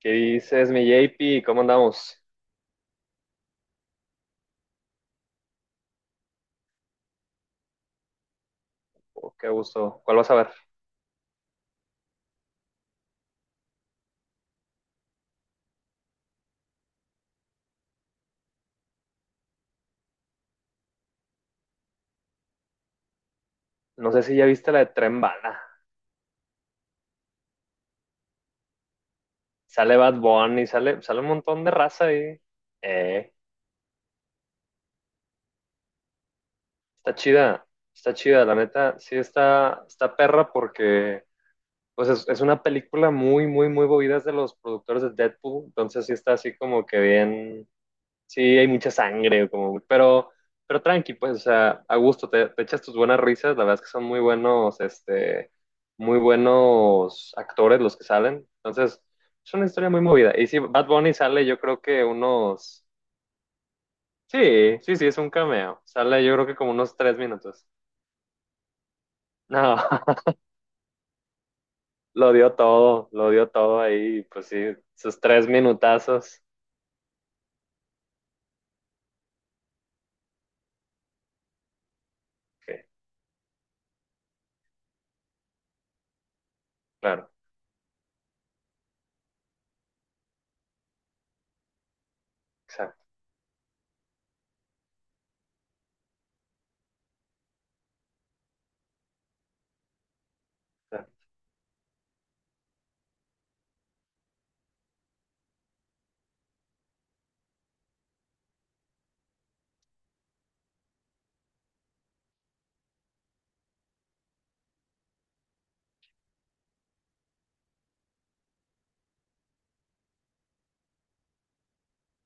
¿Qué dices, mi JP? ¿Cómo andamos? Oh, qué gusto. ¿Cuál vas a ver? No sé si ya viste la de Tren Bala. Sale Bad Bunny, sale un montón de raza ahí. Eh, está chida, está chida, la neta. Está perra porque es una película muy, muy, muy movida, es de los productores de Deadpool. Entonces sí está así como que bien. Sí, hay mucha sangre, como, pero tranqui, pues, o sea, a gusto, te echas tus buenas risas, la verdad es que son muy buenos, muy buenos actores los que salen, entonces, es una historia muy movida. Y sí, Bad Bunny sale yo creo que unos, sí, sí, sí, es un cameo, sale yo creo que como unos tres minutos, no, lo dio todo ahí, pues sí, sus tres minutazos, sí, claro, exacto,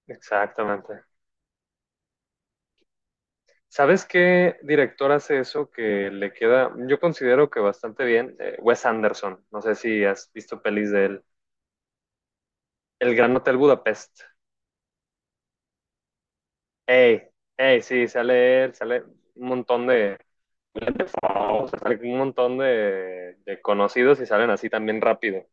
exactamente. ¿Sabes qué director hace eso que le queda, yo considero que bastante bien? Wes Anderson. No sé si has visto pelis de él. El Gran Hotel Budapest. Ey, ey, sí, sale él, sale un montón de, o sea, sale un montón de conocidos y salen así también rápido.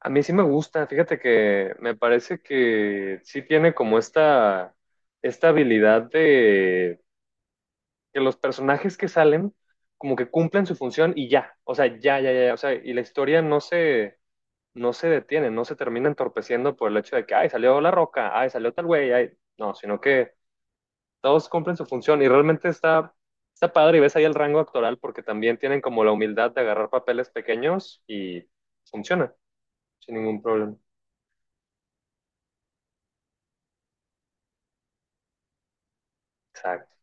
A mí sí me gusta, fíjate que me parece que sí tiene como esta habilidad de que los personajes que salen como que cumplen su función y ya, o sea, ya, ya, ya, o sea, y la historia no se, no se detiene, no se termina entorpeciendo por el hecho de que, ay, salió La Roca, ay, salió tal güey, ay, no, sino que todos cumplen su función y realmente está padre, y ves ahí el rango actoral porque también tienen como la humildad de agarrar papeles pequeños y funciona sin ningún problema. Exacto.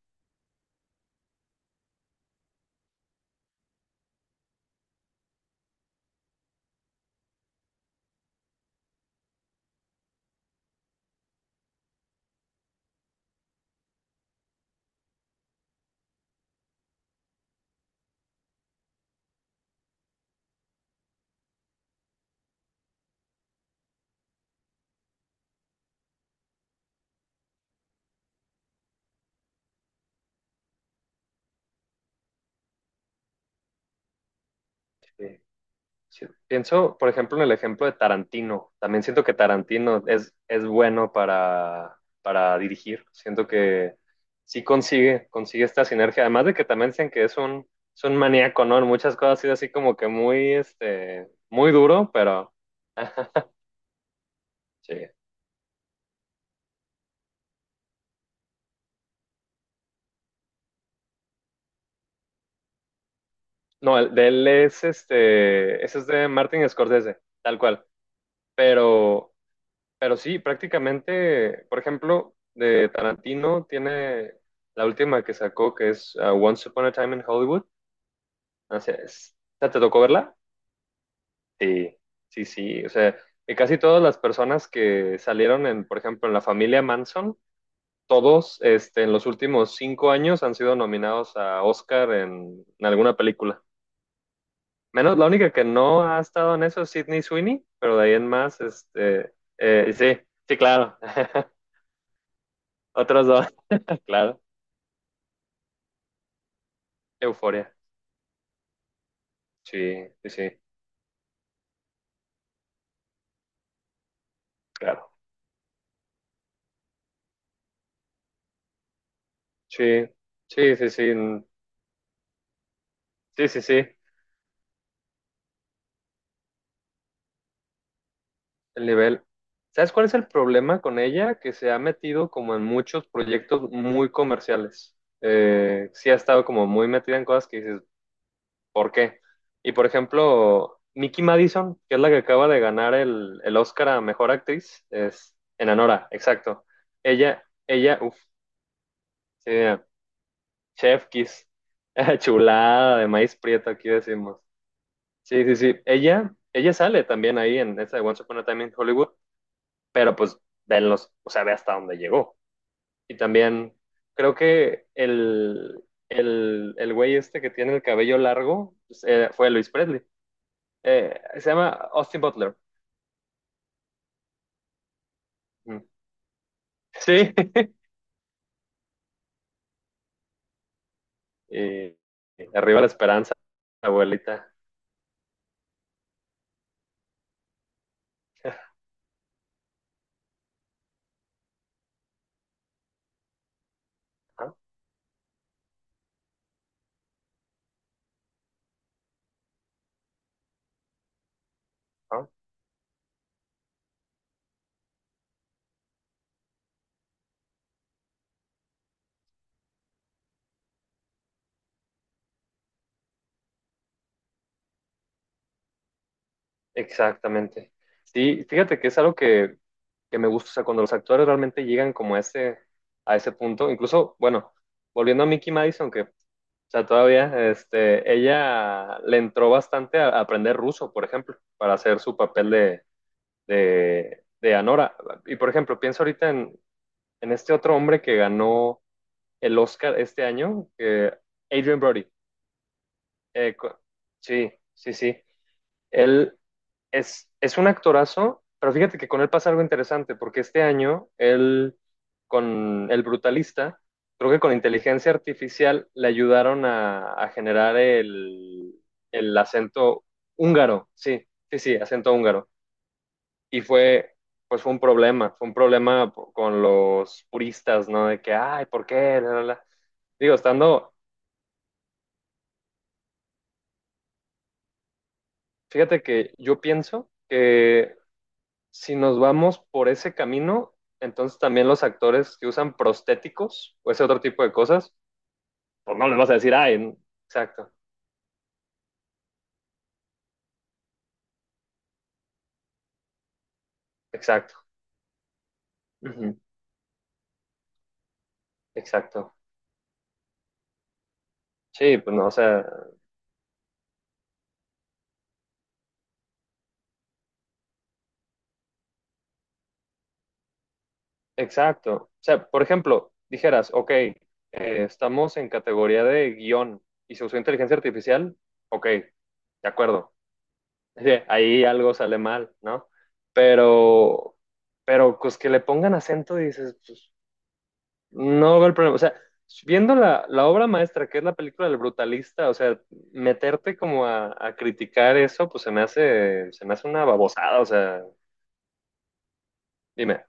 Sí. Sí, pienso, por ejemplo, en el ejemplo de Tarantino. También siento que Tarantino es bueno para dirigir. Siento que consigue esta sinergia. Además de que también dicen que es un maníaco, ¿no? En muchas cosas es así como que muy, muy duro, pero sí. No, el de él es, ese es de Martin Scorsese, tal cual. Pero Pero sí, prácticamente, por ejemplo, de Tarantino tiene la última que sacó, que es Once Upon a Time in Hollywood. O sea, es- ¿ya ¿te tocó verla? Sí, sí, sí. O sea, que casi todas las personas que salieron en, por ejemplo, en la familia Manson, todos, en los últimos cinco años han sido nominados a Oscar en alguna película. Menos la única que no ha estado en eso es Sydney Sweeney, pero de ahí en más, sí, sí, claro. Otros dos, claro. Euforia. Sí, sí, sí, claro. Sí, sí, sí, sí, mm, sí, sí, sí, el nivel. ¿Sabes cuál es el problema con ella? Que se ha metido como en muchos proyectos muy comerciales. Sí ha estado como muy metida en cosas que dices, ¿por qué? Y por ejemplo, Mickey Madison, que es la que acaba de ganar el Oscar a Mejor Actriz, es en Anora, exacto. Ella, uff, sí, mira, Chef Kiss, chulada de maíz prieto, aquí decimos. Sí, sí, sí. Ella sale también ahí en esa de Once Upon a Time in Hollywood, pero pues venlos, o sea, ve hasta dónde llegó. Y también creo que el güey este que tiene el cabello largo pues, fue Luis Presley. Se llama Austin Butler. Mm. Sí. Y, y arriba la esperanza, abuelita. Exactamente. Sí, fíjate que es algo que me gusta, o sea, cuando los actores realmente llegan como a a ese punto, incluso, bueno, volviendo a Mickey Madison, que, o sea, todavía, ella le entró bastante a aprender ruso, por ejemplo, para hacer su papel de Anora. Y, por ejemplo, pienso ahorita en este otro hombre que ganó el Oscar este año, que Adrian Brody. Eh, co- sí, sí, sí. Él es un actorazo, pero fíjate que con él pasa algo interesante, porque este año él, con El Brutalista, creo que con inteligencia artificial le ayudaron a generar el acento húngaro, sí, sí, sí, acento húngaro. Y fue, pues fue un problema po- con los puristas, ¿no? De que, ay, ¿por qué? La, la, la". Digo, estando, fíjate que yo pienso que si nos vamos por ese camino, entonces también los actores que usan prostéticos o ese otro tipo de cosas, pues no les vas a decir, ay, n- exacto, exacto, ujú, exacto. Sí, pues no, o sea, exacto. O sea, por ejemplo, dijeras, ok, estamos en categoría de guión y se usó inteligencia artificial, ok, de acuerdo. Sí, ahí algo sale mal, ¿no? Pero, pero pues que le pongan acento y dices, pues, no veo el problema. O sea, viendo la obra maestra, que es la película del brutalista, o sea, meterte como a criticar eso, pues se me hace una babosada. O sea, dime,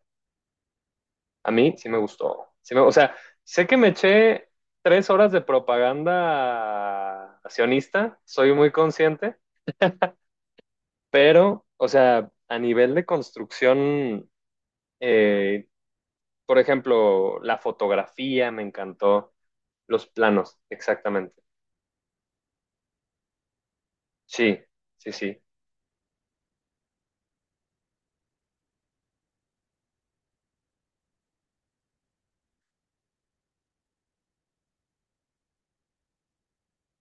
a mí sí me gustó. Sí me- o sea, sé que me eché tres horas de propaganda sionista, soy muy consciente, pero, o sea, a nivel de construcción, eh, por ejemplo, la fotografía me encantó, los planos, exactamente. Sí. Sí, sí.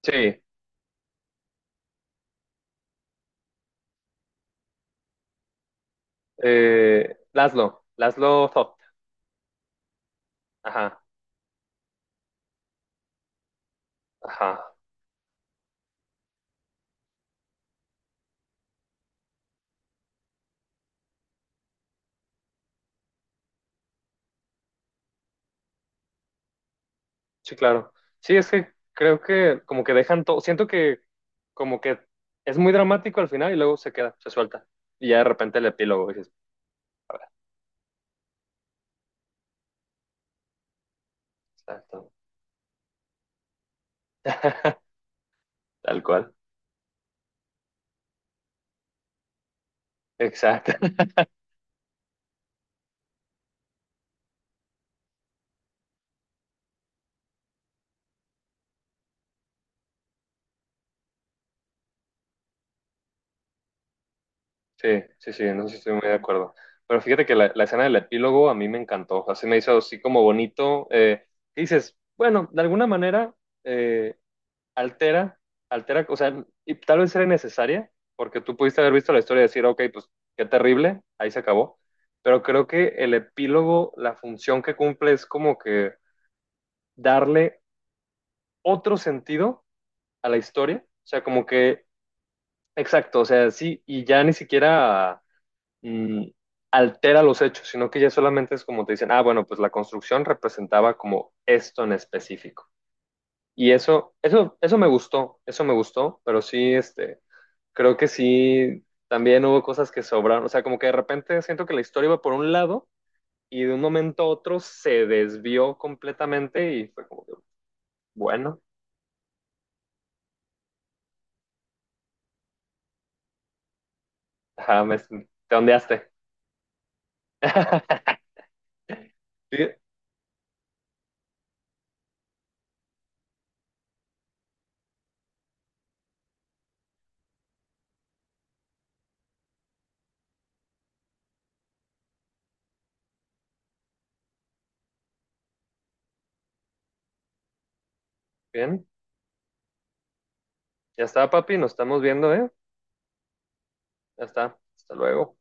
Sí, Laszlo, Laszlo Toth. Ajá, ajá, sí, claro. Sí, es que creo que como que dejan todo, siento que como que es muy dramático al final y luego se suelta. Y ya de repente el epílogo dices, a ver, exacto. Tal cual. Exacto. Sí, sí, sí, no sé si estoy muy de acuerdo. Pero fíjate que la escena del epílogo a mí me encantó. Así me hizo así como bonito. Y dices, bueno, de alguna manera, eh, altera, altera, o sea, y tal vez era necesaria, porque tú pudiste haber visto la historia y decir, ok, pues qué terrible, ahí se acabó, pero creo que el epílogo, la función que cumple es como que darle otro sentido a la historia, o sea, como que, exacto, o sea, sí, y ya ni siquiera mm, altera los hechos, sino que ya solamente es como te dicen, ah, bueno, pues la construcción representaba como esto en específico. Y eso me gustó, pero sí, creo que sí, también hubo cosas que sobraron, o sea, como que de repente siento que la historia iba por un lado y de un momento a otro se desvió completamente y fue como, que, bueno, ajá, me, te ondeaste. Sí, bien, ya está, papi, nos estamos viendo, ¿eh? Ya está, hasta luego.